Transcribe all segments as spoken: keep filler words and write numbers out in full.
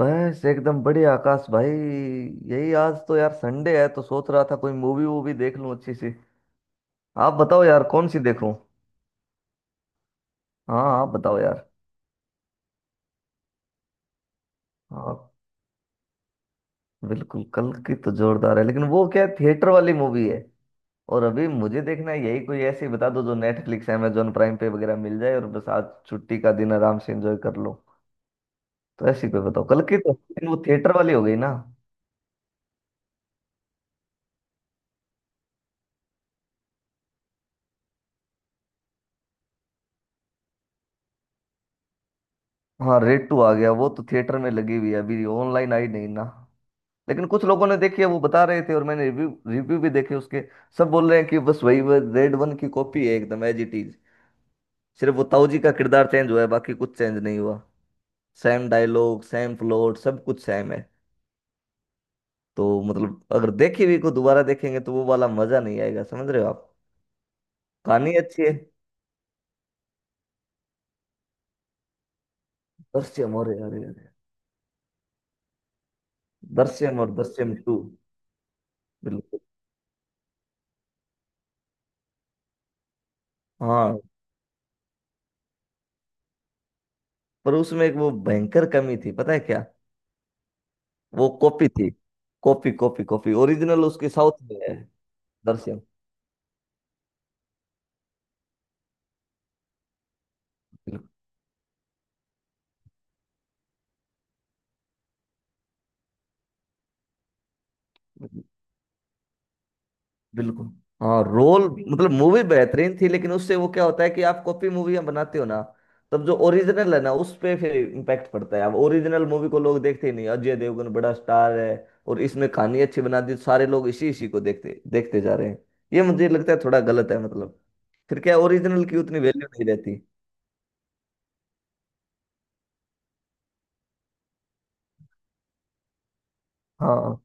बस एकदम बढ़िया आकाश भाई। यही आज तो यार संडे है तो सोच रहा था कोई मूवी वूवी देख लूं अच्छी सी। आप बताओ यार कौन सी देखूं। हाँ आप बताओ यार। हाँ बिल्कुल कल की तो जोरदार है लेकिन वो क्या थिएटर वाली मूवी है। और अभी मुझे देखना है यही कोई ऐसी बता दो जो नेटफ्लिक्स अमेजोन प्राइम पे वगैरह मिल जाए और बस आज छुट्टी का दिन आराम से एंजॉय कर लो। तो ऐसी कोई बताओ कल की तो लेकिन वो थिएटर वाली हो गई ना। हाँ रेड टू आ गया वो तो थिएटर में लगी हुई है अभी ऑनलाइन आई नहीं ना। लेकिन कुछ लोगों ने देखी है वो बता रहे थे और मैंने रिव्यू रिव्यू भी देखे उसके। सब बोल रहे हैं कि बस वही वह रेड वन की कॉपी है एकदम एज इट इज। सिर्फ वो ताऊ जी का किरदार चेंज हुआ है बाकी कुछ चेंज नहीं हुआ। सेम डायलॉग सेम प्लॉट सब कुछ सेम है। तो मतलब अगर देखी हुई को दोबारा देखेंगे तो वो वाला मजा नहीं आएगा समझ रहे हो आप। कहानी अच्छी है। दृश्यम और अरे अरे। दृश्यम और दृश्यम टू। बिल्कुल। हाँ। पर उसमें एक वो भयंकर कमी थी पता है क्या। वो कॉपी थी। कॉपी कॉपी कॉपी ओरिजिनल उसकी साउथ में है। दृश्यम। बिल्कुल। बिल्कुल। हाँ रोल। मतलब मूवी बेहतरीन थी लेकिन उससे वो क्या होता है कि आप कॉपी मूवियां बनाते हो ना। तब जो ओरिजिनल है ना उस पे फिर इम्पैक्ट पड़ता है। अब ओरिजिनल मूवी को लोग देखते ही नहीं अजय देवगन बड़ा स्टार है और इसमें कहानी अच्छी बना दी सारे लोग इसी इसी को देखते देखते जा रहे हैं। ये मुझे लगता है थोड़ा गलत है मतलब। फिर क्या ओरिजिनल की उतनी वैल्यू नहीं रहती। हाँ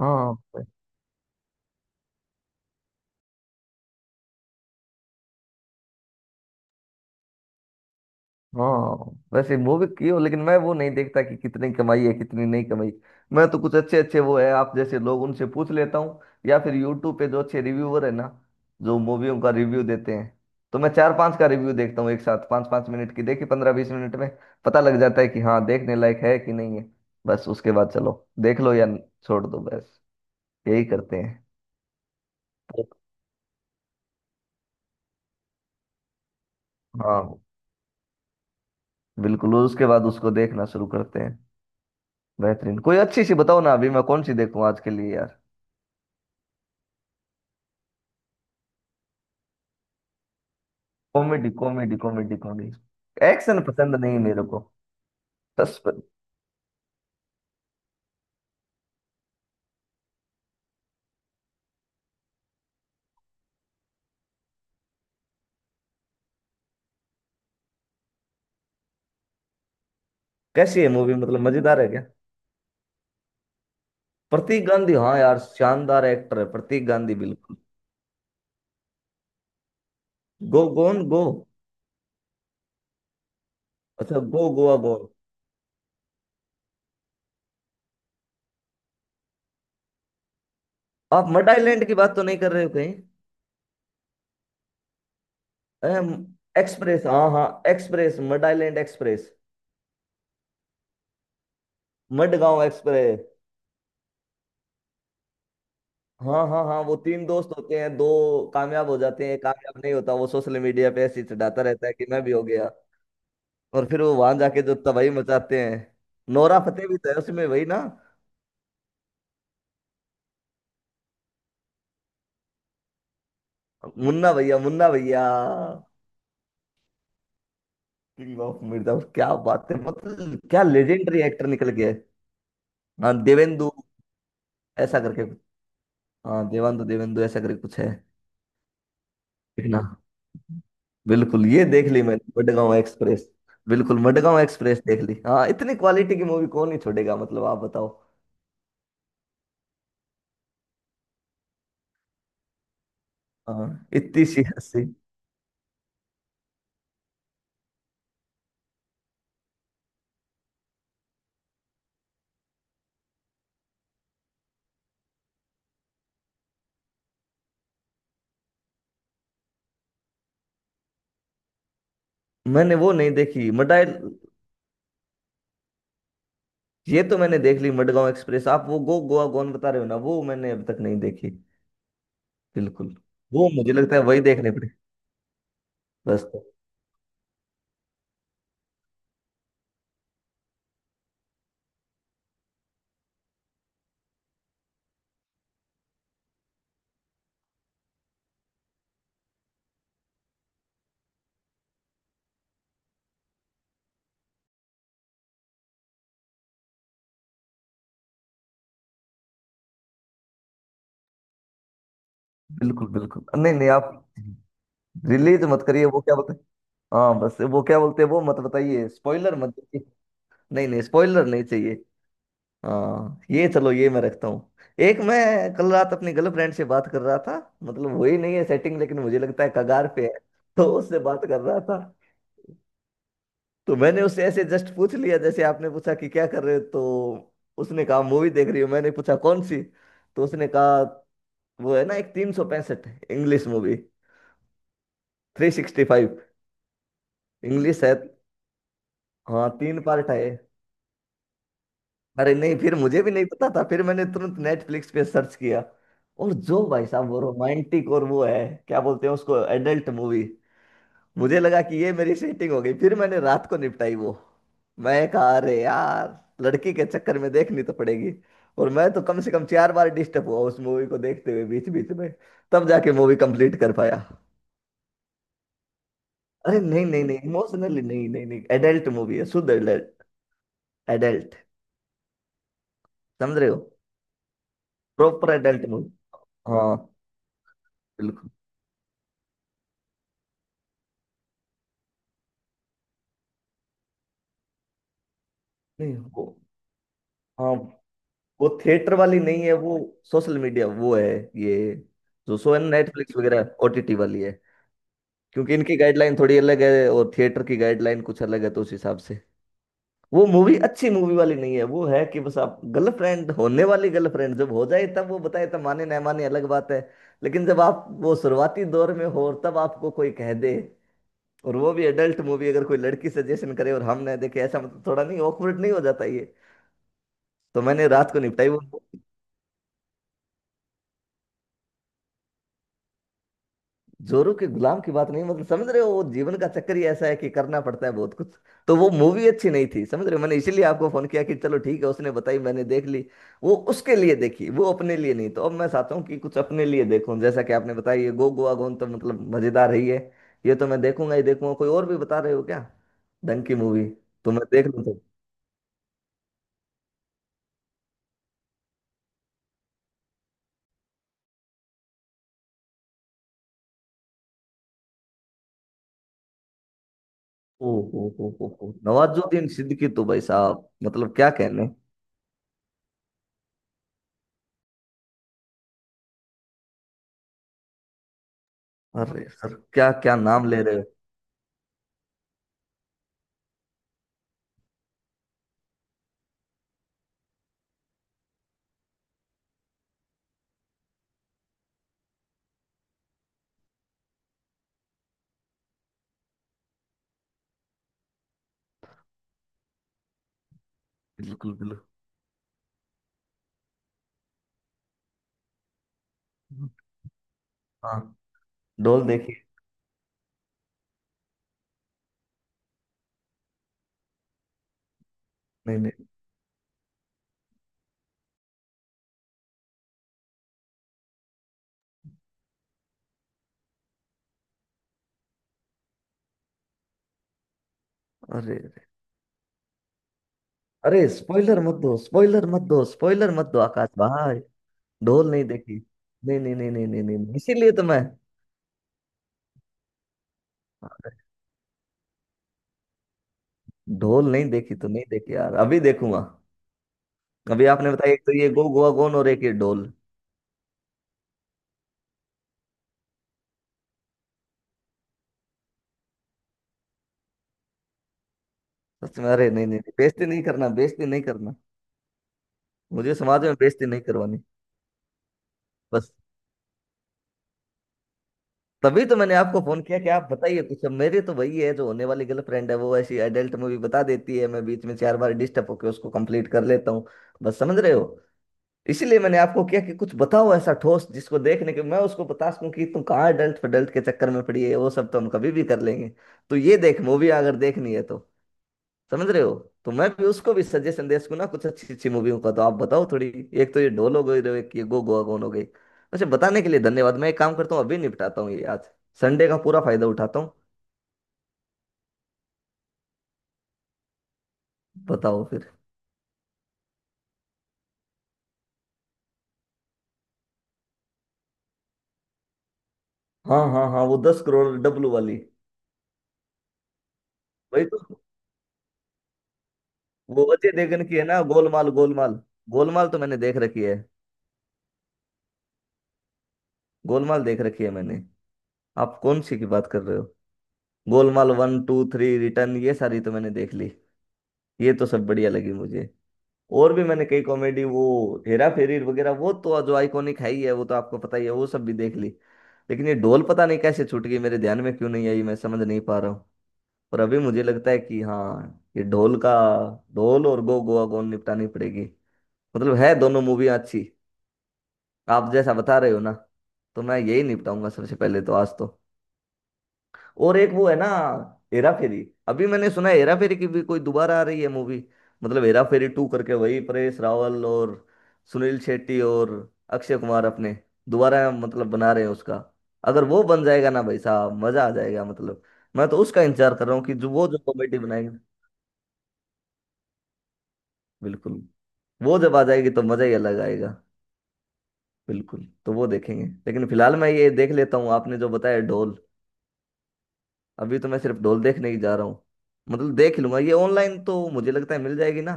हाँ हाँ वैसे वो भी की हो लेकिन मैं वो नहीं देखता कि कितनी कमाई है कितनी नहीं कमाई। मैं तो कुछ अच्छे अच्छे वो है आप जैसे लोग उनसे पूछ लेता हूँ। या फिर यूट्यूब पे जो अच्छे रिव्यूअर है ना जो मूवियों का रिव्यू देते हैं। तो मैं चार पांच का रिव्यू देखता हूँ एक साथ पाँच पाँच मिनट की देखी पंद्रह बीस मिनट में पता लग जाता है कि हाँ देखने लायक है कि नहीं है। बस उसके बाद चलो देख लो या छोड़ दो बस। यही करते हैं। तो हाँ बिल्कुल उसके बाद उसको देखना शुरू करते हैं। बेहतरीन कोई अच्छी सी बताओ ना अभी मैं कौन सी देखूं आज के लिए यार। Comedy comedy comedy comedy. Action पसंद नहीं मेरे को। सस। कैसी है मूवी मतलब मजेदार है क्या। प्रतीक गांधी हाँ यार शानदार एक्टर है प्रतीक गांधी बिल्कुल। गो गोन गो। अच्छा गो गोवा गो। आप मड आइलैंड की बात तो नहीं कर रहे हो कहीं। अम, एक्सप्रेस हाँ हाँ। Express Madh Island express. Madgaon express. हाँ हाँ हाँ वो तीन दोस्त होते हैं दो कामयाब हो जाते हैं एक कामयाब नहीं होता वो सोशल मीडिया पे ऐसे ही चढ़ाता रहता है कि मैं भी हो गया। और फिर वो वहां जाके जो तबाही मचाते हैं। नोरा फतेही भी तो है उसमें वही ना। मुन्ना भैया मुन्ना भैया। किंग ऑफ मिर्जापुर क्या बात है मतलब क्या लेजेंडरी एक्टर निकल गए। हाँ देवेंदु ऐसा करके कुछ। हाँ देवांदु देवेंदु ऐसा करके कुछ है। ठीक ना। बिल्कुल ये देख ली मैंने मडगांव एक्सप्रेस। बिल्कुल मडगांव एक्सप्रेस देख ली। हाँ इतनी क्वालिटी की मूवी कौन ही छोड़ेगा मतलब आप बताओ। हाँ इतनी सी हंसी। मैंने वो नहीं देखी मडाई। ये तो मैंने देख ली मडगांव एक्सप्रेस। आप वो गो गोवा गॉन बता रहे हो ना वो मैंने अभी तक नहीं देखी। बिल्कुल। वो मुझे लगता है वही देखने पड़े। बस तो। बिल्कुल बिल्कुल नहीं नहीं आप रिलीज मत करिए वो क्या बोलते हैं। हाँ बस वो क्या बोलते हैं वो मत बताइए स्पॉइलर मत दीजिए। नहीं नहीं स्पॉइलर नहीं चाहिए। हाँ ये चलो ये मैं रखता हूँ। एक मैं कल रात अपनी गर्लफ्रेंड से बात कर रहा था। मतलब वही नहीं है सेटिंग लेकिन मुझे लगता है कगार पे है। तो उससे बात कर रहा था। तो मैंने उससे ऐसे जस्ट पूछ लिया जैसे आपने पूछा कि क्या कर रहे हो तो उसने कहा मूवी देख रही हूँ मैंने पूछा कौन सी। तो उसने कहा वो है ना एक तीन सौ पैंसठ English movie. Three sixty five English है। हाँ तीन पार्ट है। अरे नहीं फिर मुझे भी नहीं पता था फिर मैंने तुरंत नेटफ्लिक्स पे सर्च किया। और जो भाई साहब वो रोमांटिक और वो है क्या बोलते हैं उसको एडल्ट मूवी। मुझे लगा कि ये मेरी सेटिंग हो गई फिर मैंने रात को निपटाई वो। मैं कहा अरे यार लड़की के चक्कर में देखनी तो पड़ेगी। और मैं तो कम से कम चार बार डिस्टर्ब हुआ उस मूवी को देखते हुए बीच बीच में। तब जाके मूवी कंप्लीट कर पाया। अरे नहीं नहीं नहीं इमोशनली नहीं नहीं नहीं एडल्ट मूवी है शुद्ध एडल्ट। एडल्ट। समझ रहे हो प्रॉपर एडल्ट मूवी। हाँ बिल्कुल। नहीं वो। हाँ वो थिएटर वाली नहीं है वो। सोशल मीडिया वो है। ये जो शो है नेटफ्लिक्स वगैरह ओटीटी वाली है। क्योंकि इनकी गाइडलाइन थोड़ी अलग है और थिएटर की गाइडलाइन कुछ अलग है तो उस हिसाब से वो मूवी अच्छी मूवी वाली नहीं है। वो है कि बस आप गर्लफ्रेंड होने वाली गर्लफ्रेंड जब हो जाए तब वो बताए तब माने ना माने अलग बात है। लेकिन जब आप वो शुरुआती दौर में हो और तब आपको कोई कह दे और वो भी एडल्ट मूवी अगर कोई लड़की सजेशन करे और हम ना देखे ऐसा मतलब थोड़ा नहीं ऑकवर्ड नहीं हो जाता ये। तो मैंने रात को निपटाई वो। जोरू के गुलाम की बात नहीं मतलब समझ रहे हो वो जीवन का चक्कर ही ऐसा है कि करना पड़ता है बहुत कुछ। तो वो मूवी अच्छी नहीं थी समझ रहे हो मैंने इसीलिए आपको फोन किया कि चलो ठीक है उसने बताई मैंने देख ली। वो उसके लिए देखी वो अपने लिए नहीं तो अब मैं चाहता हूँ कि कुछ अपने लिए देखूं जैसा कि आपने बताया ये गो गोवा गॉन तो मतलब मजेदार ही है। ये तो मैं देखूंगा ही देखूंगा कोई और भी बता रहे हो क्या। ढंग की मूवी तो मैं देख लूँ तो। ओ हो हो हो हो नवाजुद्दीन सिद्दीकी तो भाई साहब मतलब क्या कहने। अरे सर क्या क्या नाम ले रहे हो। बिल्कुल बिल्कुल। हाँ डोल देखिए। नहीं नहीं। अरे अरे अरे स्पॉइलर मत दो स्पॉइलर मत दो स्पॉइलर मत दो आकाश भाई। ढोल नहीं देखी। नहीं नहीं नहीं नहीं नहीं नहीं नहीं। इसीलिए तो मैं। ढोल नहीं देखी तो नहीं देखी यार अभी देखूंगा। अभी आपने बताया एक तो ये गो गोवा गोन और एक ये ढोल। सच में अरे नहीं नहीं नहीं, बेइज्जती नहीं करना बेइज्जती नहीं करना। मुझे समाज में बेइज्जती नहीं करवानी। बस। तभी तो मैंने आपको फोन किया कि आप बताइए कुछ अब मेरी तो वही है जो होने वाली गर्लफ्रेंड है वो ऐसी एडल्ट मूवी बता देती है मैं बीच में चार बार डिस्टर्ब होकर उसको कंप्लीट कर लेता हूँ बस समझ रहे हो। इसीलिए मैंने आपको किया कि कुछ बताओ ऐसा ठोस जिसको देखने के मैं उसको बता सकूं कि तुम कहाँ डल्ट फडल्ट के चक्कर में पड़ी है वो सब तो हम कभी भी कर लेंगे। तो ये देख मूवी अगर देखनी है तो समझ रहे हो तो मैं भी उसको भी सजेशन दे सकूं ना कुछ अच्छी अच्छी मूवियों का तो आप बताओ थोड़ी। एक तो ये ढोल हो गई तो एक ये गो गोवा कौन हो गई। वैसे बताने के लिए धन्यवाद मैं एक काम करता हूँ अभी निपटाता हूँ ये आज। संडे का पूरा फायदा उठाता हूँ। बताओ फिर। हाँ हाँ हाँ वो दस करोड़ डब्लू वाली। वही तो। वो अजय देवगन की है ना गोलमाल गोलमाल। गोलमाल तो मैंने देख रखी है। गोलमाल देख रखी है मैंने। आप कौन सी की बात कर रहे हो। Golmaal one two three return ये सारी तो मैंने देख ली। ये तो सब बढ़िया लगी मुझे। और भी मैंने कई कॉमेडी वो हेरा फेरी वगैरह वो तो जो आइकॉनिक है ही है वो तो आपको पता ही है वो सब भी देख ली। लेकिन ये ढोल पता नहीं कैसे छूट गई मेरे ध्यान में क्यों नहीं आई मैं समझ नहीं पा रहा हूँ। पर अभी मुझे लगता है कि हाँ ये ढोल का ढोल और गो गोवा गोन निपटानी पड़ेगी। मतलब है दोनों मूवियाँ अच्छी आप जैसा बता रहे हो ना। तो मैं यही निपटाऊंगा सबसे पहले तो आज तो। और एक वो है ना हेरा फेरी। अभी मैंने सुना है हेरा फेरी की भी कोई दोबारा आ रही है मूवी मतलब हेरा फेरी टू करके वही परेश रावल और सुनील शेट्टी और अक्षय कुमार अपने दोबारा मतलब बना रहे हैं उसका। अगर वो बन जाएगा ना भाई साहब मजा आ जाएगा मतलब मैं तो उसका इंतजार कर रहा हूँ कि जो वो जो कॉमेडी बनाएंगे। बिल्कुल। वो जब आ जाएगी तो मजा ही अलग आएगा। बिल्कुल तो वो देखेंगे लेकिन फिलहाल मैं ये देख लेता हूँ आपने जो बताया ढोल। अभी तो मैं सिर्फ ढोल देखने ही जा रहा हूँ मतलब देख लूंगा ये ऑनलाइन तो मुझे लगता है मिल जाएगी ना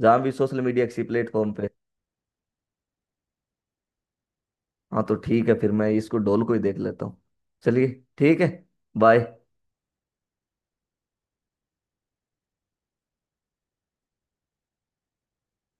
जहाँ भी सोशल मीडिया किसी प्लेटफॉर्म पे। हाँ तो ठीक है फिर मैं इसको ढोल को ही देख लेता हूँ। चलिए ठीक है बाय।